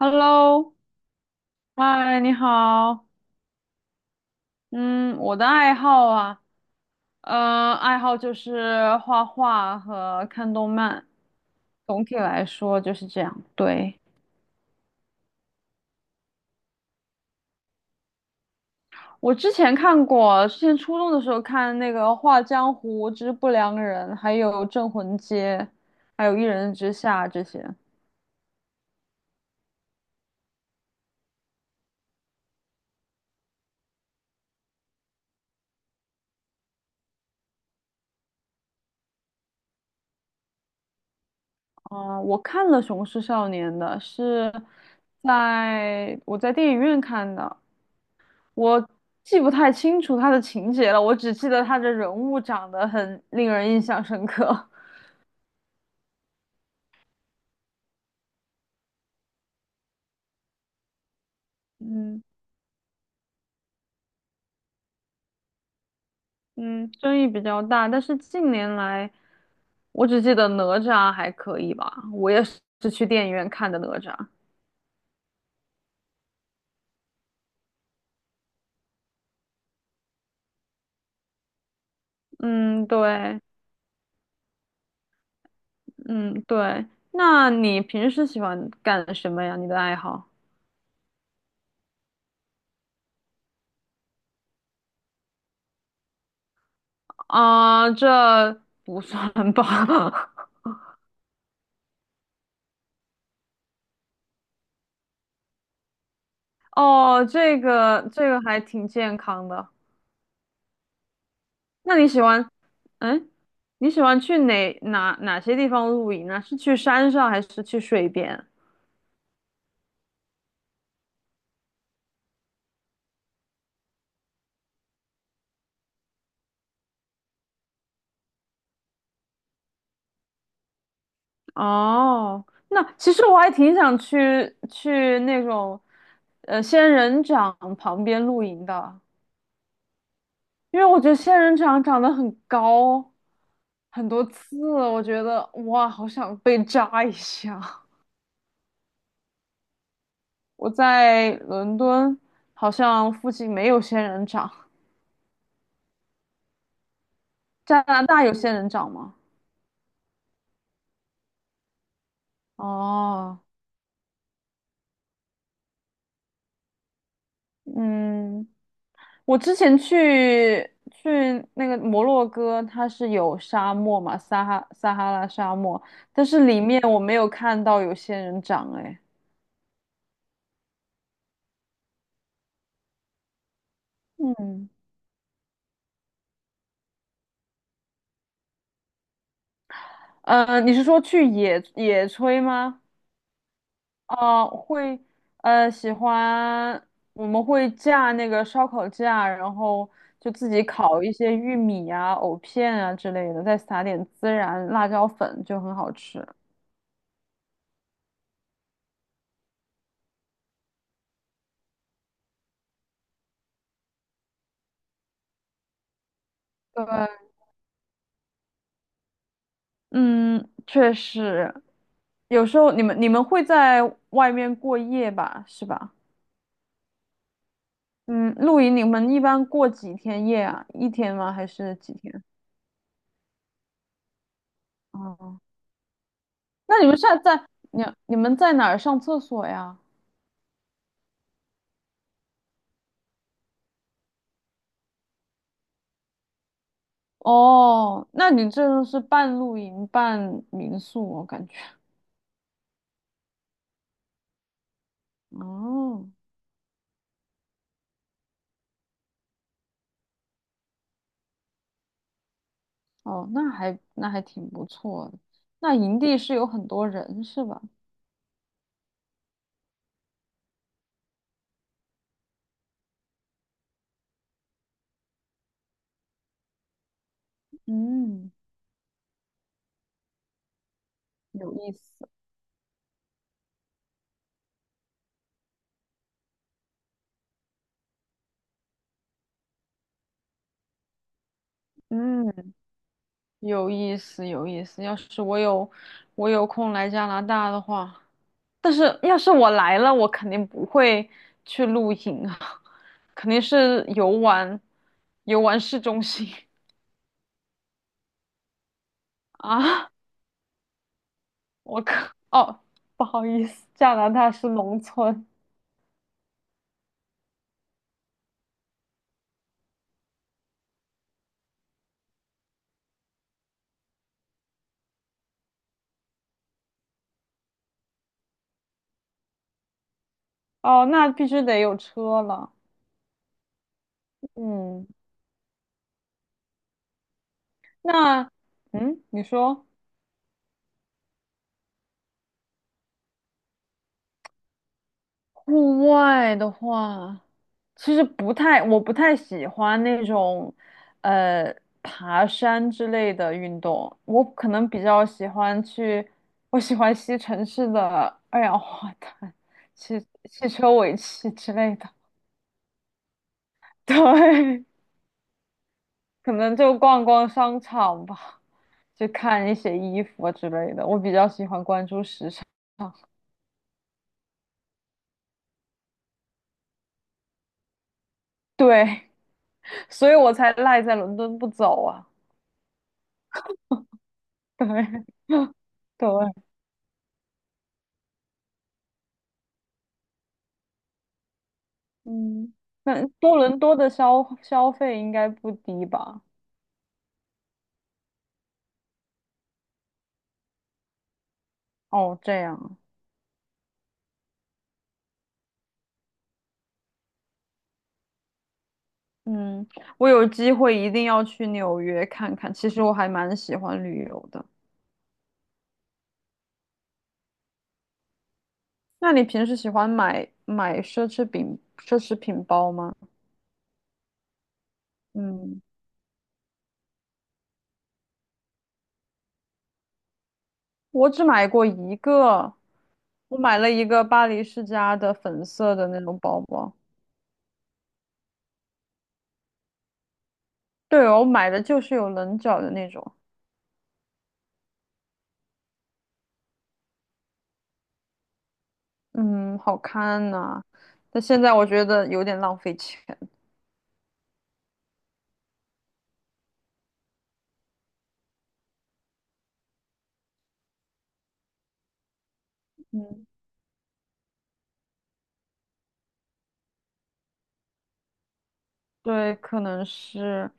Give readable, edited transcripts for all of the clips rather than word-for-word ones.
Hello，嗨，你好。嗯，我的爱好啊，爱好就是画画和看动漫。总体来说就是这样。对，我之前看过，之前初中的时候看那个《画江湖之不良人》，还有《镇魂街》，还有《一人之下》这些。哦我看了《雄狮少年》的，是在电影院看的。我记不太清楚他的情节了，我只记得他的人物长得很令人印象深刻。嗯嗯，争议比较大，但是近年来，我只记得哪吒还可以吧，我也是去电影院看的哪吒。嗯，对，嗯对。那你平时喜欢干什么呀？你的爱好？啊、这不算吧？哦，这个还挺健康的。那你喜欢？嗯？你喜欢去哪些地方露营呢？是去山上还是去水边？哦，那其实我还挺想去那种，仙人掌旁边露营的，因为我觉得仙人掌长得很高，很多刺，我觉得哇，好想被扎一下。我在伦敦好像附近没有仙人掌，加拿大有仙人掌吗？哦，嗯。我之前去那个摩洛哥，它是有沙漠嘛，撒哈拉沙漠，但是里面我没有看到有仙人掌，哎，嗯，你是说去野炊吗？啊、会，喜欢，我们会架那个烧烤架，然后就自己烤一些玉米啊、藕片啊之类的，再撒点孜然、辣椒粉，就很好吃。对，嗯，确实，有时候你们会在外面过夜吧，是吧？嗯，露营你们一般过几天夜啊？一天吗？还是几天？哦，那你们现在在你你们在哪儿上厕所呀？哦，那你这就是半露营半民宿，我感觉。哦哦，那还挺不错的。那营地是有很多人是吧？嗯，有意思。嗯。有意思，有意思。要是我有空来加拿大的话，但是要是我来了，我肯定不会去露营啊，肯定是游玩，游玩市中心 啊。我靠，哦，不好意思，加拿大是农村哦，那必须得有车了。嗯，那你说。户外的话，其实不太，我不太喜欢那种，呃，爬山之类的运动。我可能比较喜欢去，我喜欢吸城市的 二氧化碳，汽汽车尾气之类的。对，可能就逛逛商场吧，就看一些衣服啊之类的。我比较喜欢关注时尚，对，所以我才赖在伦敦不走啊。对，对。嗯，那多伦多的消费应该不低吧？哦，这样啊，嗯，我有机会一定要去纽约看看。其实我还蛮喜欢旅游的。那你平时喜欢买奢侈品包吗？嗯，我只买过一个，我买了一个巴黎世家的粉色的那种包包。对哦我买的就是有棱角的那种，嗯，好看呐、但现在我觉得有点浪费钱。嗯。对，可能是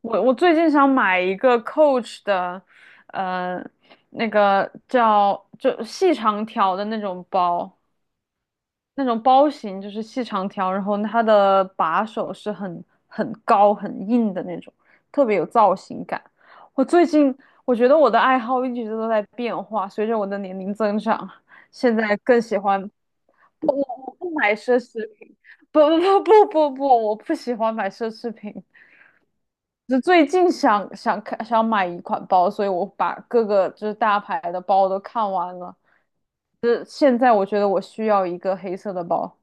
我。我最近想买一个 Coach 的，呃，那个叫就细长条的那种包，那种包型就是细长条，然后它的把手是很高很硬的那种，特别有造型感。我最近我觉得我的爱好一直都在变化，随着我的年龄增长，现在更喜欢我不买奢侈品，不不不不不不，我不喜欢买奢侈品。就最近想想看想买一款包，所以我把各个就是大牌的包都看完了。就是现在我觉得我需要一个黑色的包，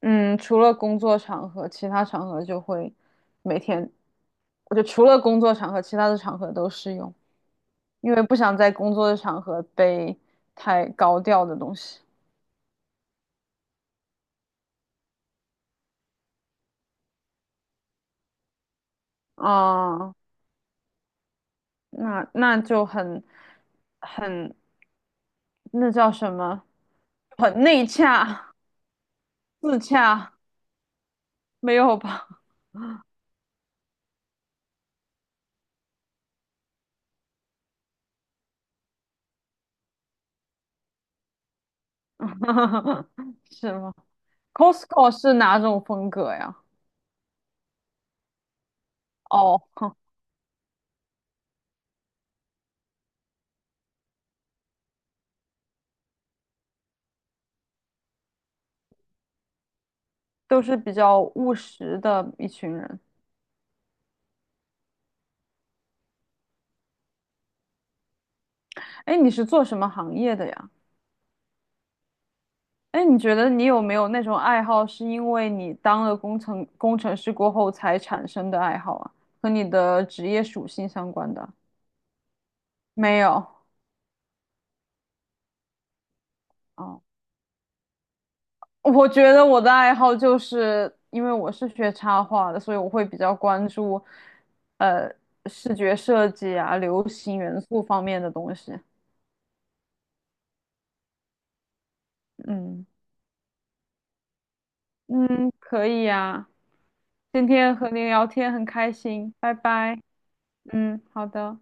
嗯，除了工作场合，其他场合就会每天，我就除了工作场合，其他的场合都适用，因为不想在工作的场合背太高调的东西。啊，那就很，那叫什么？很内洽，自洽，没有吧？是吗？Costco 是哪种风格呀？哦，哼都是比较务实的一群人。哎，你是做什么行业的呀？哎，你觉得你有没有那种爱好，是因为你当了工程师过后才产生的爱好啊？和你的职业属性相关的？没有。哦。我觉得我的爱好就是因为我是学插画的，所以我会比较关注，呃，视觉设计啊、流行元素方面的东西。嗯嗯，可以呀，今天和您聊天很开心，拜拜。嗯，好的。